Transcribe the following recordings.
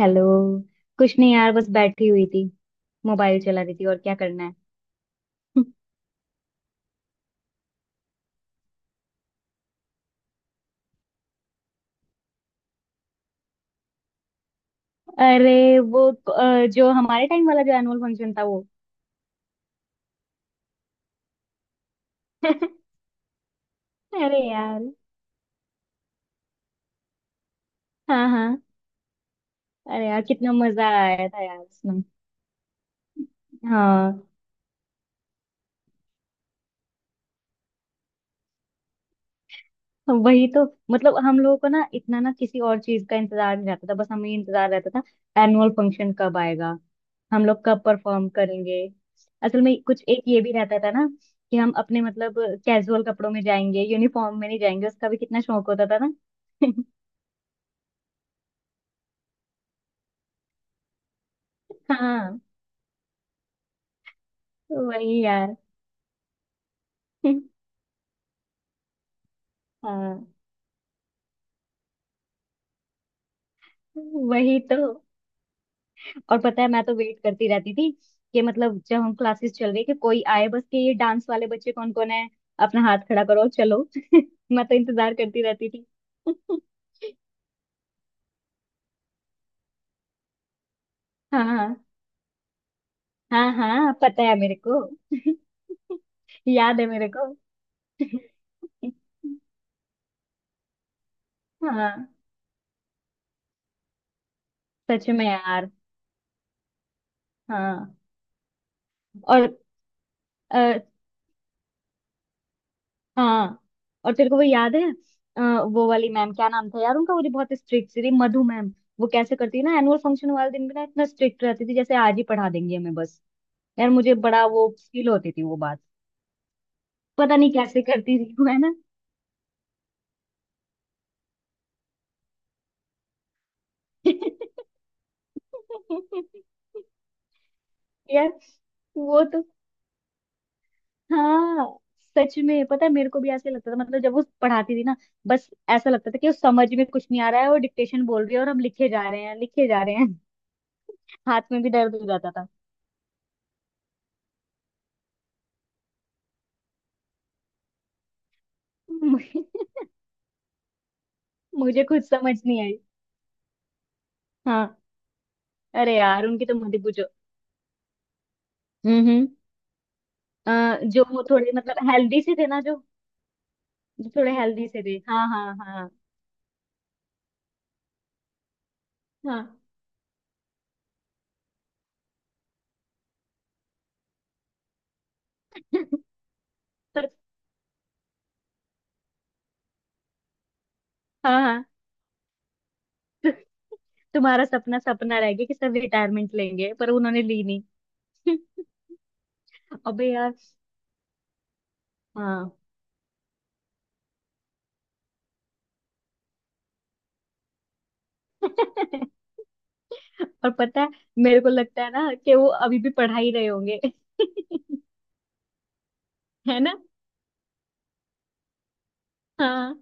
Hello. कुछ नहीं यार, बस बैठी हुई थी। मोबाइल चला रही थी, और क्या करना है। अरे वो जो हमारे टाइम वाला जो एनुअल फंक्शन था वो। अरे यार। हाँ हाँ। अरे यार कितना मजा आया था यार उसमें। हाँ, वही तो। मतलब हम लोगों को ना इतना ना किसी और चीज का इंतजार नहीं रहता था, बस हमें ये इंतजार रहता था एनुअल फंक्शन कब आएगा, हम लोग कब परफॉर्म करेंगे। असल में कुछ एक ये भी रहता था ना कि हम अपने मतलब कैजुअल कपड़ों में जाएंगे, यूनिफॉर्म में नहीं जाएंगे, उसका भी कितना शौक होता था ना। हाँ, वही यार। हाँ, वही तो। और पता है मैं तो वेट करती रहती थी कि मतलब जब हम क्लासेस चल रही कि कोई आए बस कि ये डांस वाले बच्चे कौन कौन है, अपना हाथ खड़ा करो चलो। मैं तो इंतजार करती रहती थी। हाँ हाँ। हाँ, हाँ पता है मेरे को। याद है मेरे को। हाँ, सच में यार। हाँ। और अ, हाँ। और तेरे को वो याद है? अ, वो वाली मैम, क्या नाम था यार उनका, वो जो बहुत स्ट्रिक्ट थी, मधु मैम। वो कैसे करती है ना, एनुअल फंक्शन वाले दिन भी ना इतना स्ट्रिक्ट रहती थी जैसे आज ही पढ़ा देंगी हमें बस। यार मुझे बड़ा वो फील होती थी वो बात। पता नहीं कैसे करती थी वो, है ना। यार वो तो। हाँ सच में, पता है मेरे को भी ऐसे लगता था, मतलब जब वो पढ़ाती थी ना, बस ऐसा लगता था कि उस समझ में कुछ नहीं आ रहा है, वो डिक्टेशन बोल रही है और हम लिखे जा रहे हैं, लिखे जा रहे हैं। हाथ में भी दर्द हो जाता था। मुझे मुझे खुद समझ नहीं आई। हाँ। अरे यार उनकी तो मत ही पूछो। हम्म। जो वो थोड़े मतलब हेल्दी से थे ना, जो जो थोड़े हेल्दी से थे। हाँ हाँ हाँ हाँ। पर हाँ हाँ। तुम्हारा सपना सपना रह गया कि सब रिटायरमेंट लेंगे पर उन्होंने ली नहीं। अबे यार। हाँ। और पता है, मेरे को लगता है कि वो अभी भी पढ़ा ही रहे होंगे। है ना। हाँ,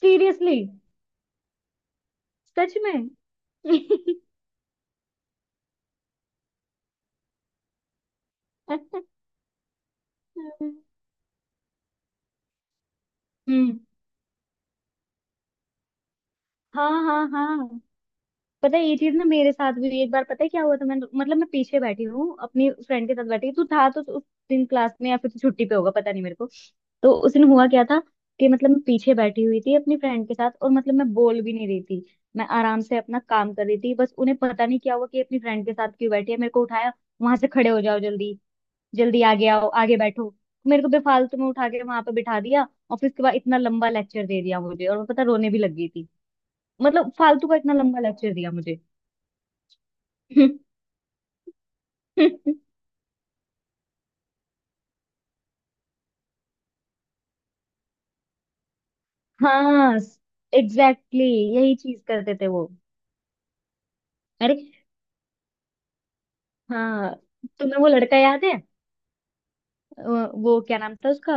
सीरियसली। सच में। हम्म। हाँ हाँ हाँ, पता है ये चीज ना मेरे साथ भी हुई। एक बार पता है क्या हुआ था, मैं मतलब मैं पीछे बैठी हूँ, अपनी फ्रेंड के साथ बैठी हूँ। तू था तो उस दिन क्लास में या फिर तू छुट्टी पे होगा, पता नहीं मेरे को। तो उस दिन हुआ क्या था कि मतलब मैं पीछे बैठी हुई थी अपनी फ्रेंड के साथ, और मतलब मैं बोल भी नहीं रही थी, मैं आराम से अपना काम कर रही थी, बस उन्हें पता नहीं क्या हुआ कि अपनी फ्रेंड के साथ क्यों बैठी है, मेरे को उठाया, वहां से खड़े हो जाओ, जल्दी जल्दी आगे आओ, आगे बैठो, मेरे को बेफालतू में उठा के वहां पे बिठा दिया और फिर उसके बाद इतना लंबा लेक्चर दे दिया मुझे, और मैं पता रोने भी लग गई थी। मतलब फालतू का इतना लंबा लेक्चर दिया मुझे। हाँ। एग्जैक्टली, exactly, यही चीज करते थे वो। अरे, हाँ। तुम्हें वो लड़का याद है? अ, वो क्या नाम था उसका,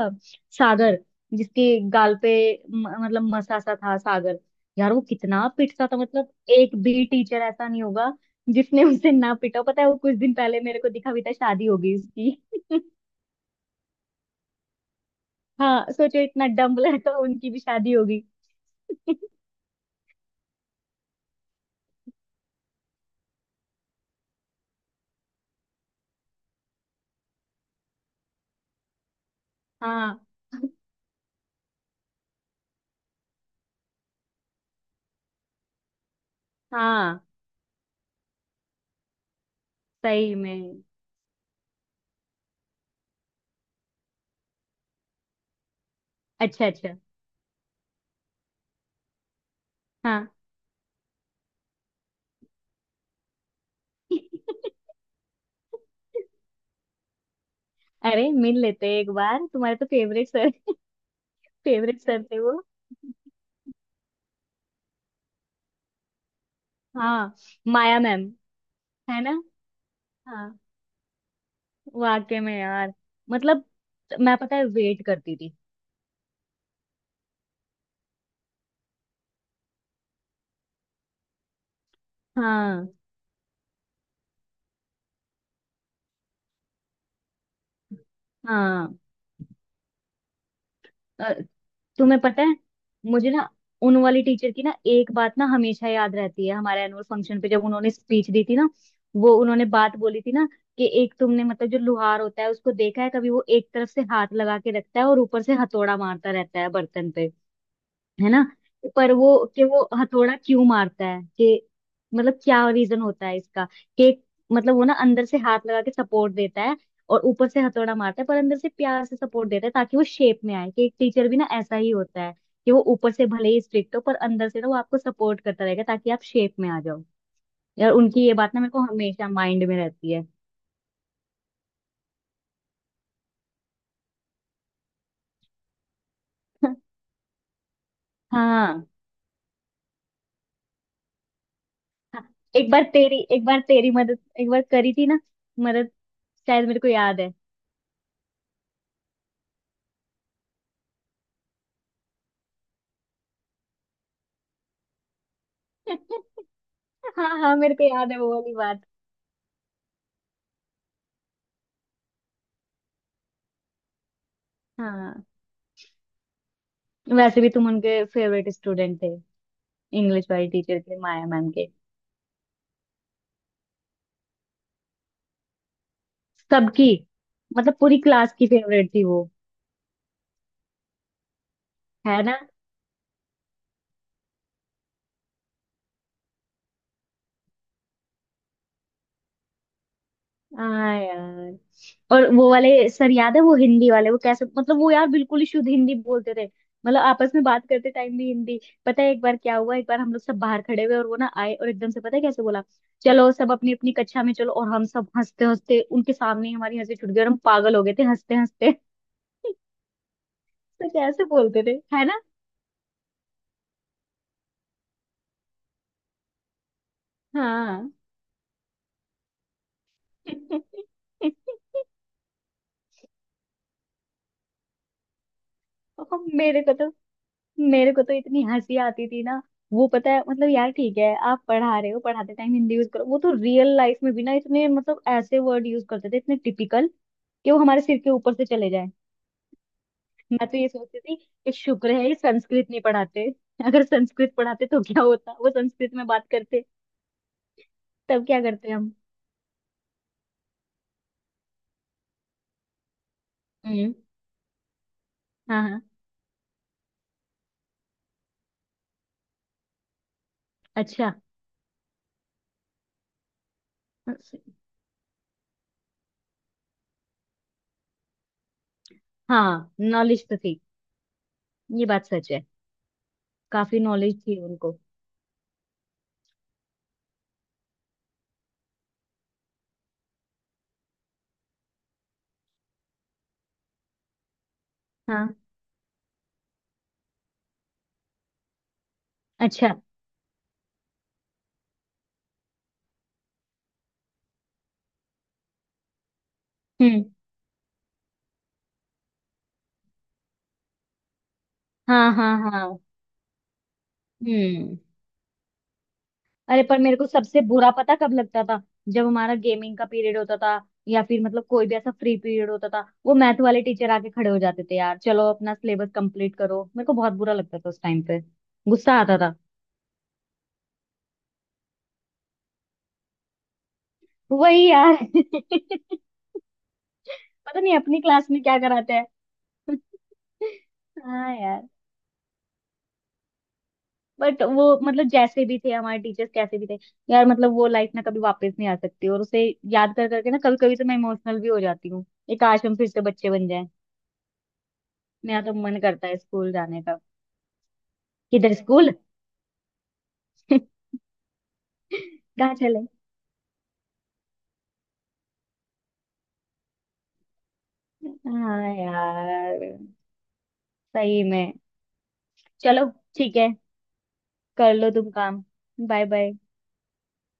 सागर, जिसके गाल पे मतलब मसा सा था, सागर। यार वो कितना पिटता था, मतलब एक भी टीचर ऐसा नहीं होगा जिसने उसे ना पिटा हो। पता है वो कुछ दिन पहले मेरे को दिखा भी था, शादी हो गई उसकी। हाँ, सोचो इतना डम्ब लड़का उनकी भी शादी हो गई। हाँ हाँ। सही में। अच्छा अच्छा। हाँ। अरे मिल लेते एक बार, तुम्हारे तो फेवरेट सर। फेवरेट सर थे वो। हाँ, माया मैम। है ना। हाँ, वाकई में यार। मतलब, मैं पता है वेट करती थी। हाँ हाँ। अ, तुम्हें पता है, मुझे ना उन वाली टीचर की ना एक बात ना हमेशा याद रहती है। हमारे एनुअल फंक्शन पे जब उन्होंने स्पीच दी थी ना, वो उन्होंने बात बोली थी ना कि एक तुमने मतलब जो लुहार होता है उसको देखा है कभी, वो एक तरफ से हाथ लगा के रखता है और ऊपर से हथौड़ा मारता रहता है बर्तन पे। है ना। पर वो कि वो हथौड़ा क्यों मारता है, कि मतलब क्या रीजन होता है इसका कि मतलब वो ना अंदर से हाथ लगा के सपोर्ट देता है और ऊपर से हथौड़ा मारता है, पर अंदर से प्यार से सपोर्ट देता है ताकि वो शेप में आए। कि एक टीचर भी ना ऐसा ही होता है कि वो ऊपर से भले ही स्ट्रिक्ट हो पर अंदर से ना वो आपको सपोर्ट करता रहेगा ताकि आप शेप में आ जाओ। यार उनकी ये बात ना मेरे को हमेशा माइंड में रहती है। हाँ। हाँ, एक बार तेरी मदद एक बार करी थी ना। मदद शायद मेरे को याद है। हाँ हाँ, मेरे को याद है वो वाली बात। हाँ। वैसे भी तुम उनके फेवरेट स्टूडेंट थे, इंग्लिश वाली टीचर के, माया मैम के। सबकी मतलब पूरी क्लास की फेवरेट थी वो, है ना। हाँ यार। और वो वाले सर याद है, वो हिंदी वाले, वो कैसे मतलब वो यार बिल्कुल ही शुद्ध हिंदी बोलते थे। मतलब आपस में बात करते टाइम भी हिंदी। पता है एक बार क्या हुआ, एक बार हम लोग सब बाहर खड़े हुए और वो ना आए, और एकदम से पता है कैसे बोला, चलो सब अपनी अपनी कक्षा में चलो, और हम सब हंसते हंसते, उनके सामने ही हमारी हंसी छूट गई और हम पागल हो गए थे हंसते हंसते। तो कैसे बोलते थे। है ना। हाँ। और मेरे को तो इतनी हंसी आती थी ना। वो पता है मतलब यार, ठीक है आप पढ़ा रहे हो, पढ़ाते टाइम हिंदी यूज करो, वो तो रियल लाइफ में भी ना इतने मतलब ऐसे वर्ड यूज करते थे, इतने टिपिकल कि वो हमारे सिर के ऊपर से चले जाए। मैं तो ये सोचती थी कि शुक्र है ये संस्कृत नहीं पढ़ाते, अगर संस्कृत पढ़ाते तो क्या होता, वो संस्कृत में बात करते, तब क्या करते हम। हम्म। हाँ हाँ। अच्छा। हाँ नॉलेज तो थी। ये बात सच है। काफी नॉलेज थी उनको। हाँ। अच्छा। हम्म। हाँ हाँ हाँ। हम्म। अरे पर मेरे को सबसे बुरा पता कब लगता था, जब हमारा गेमिंग का पीरियड होता था या फिर मतलब कोई भी ऐसा फ्री पीरियड होता था, वो मैथ वाले टीचर आके खड़े हो जाते थे, यार चलो अपना सिलेबस कंप्लीट करो। मेरे को बहुत बुरा लगता था उस टाइम पे, गुस्सा आता था। वही यार। पता नहीं अपनी क्लास में क्या कराते हैं। हाँ यार। बट वो मतलब जैसे भी थे हमारे टीचर्स, कैसे भी थे, यार मतलब वो लाइफ ना कभी वापस नहीं आ सकती, और उसे याद कर करके ना कभी कभी तो मैं इमोशनल भी हो जाती हूँ। ये काश हम फिर से बच्चे बन जाएं। मेरा तो मन करता है स्कूल जाने का। किधर स्कूल। कहाँ चले। हाँ यार, सही में। चलो, ठीक है। कर लो तुम काम। Bye bye.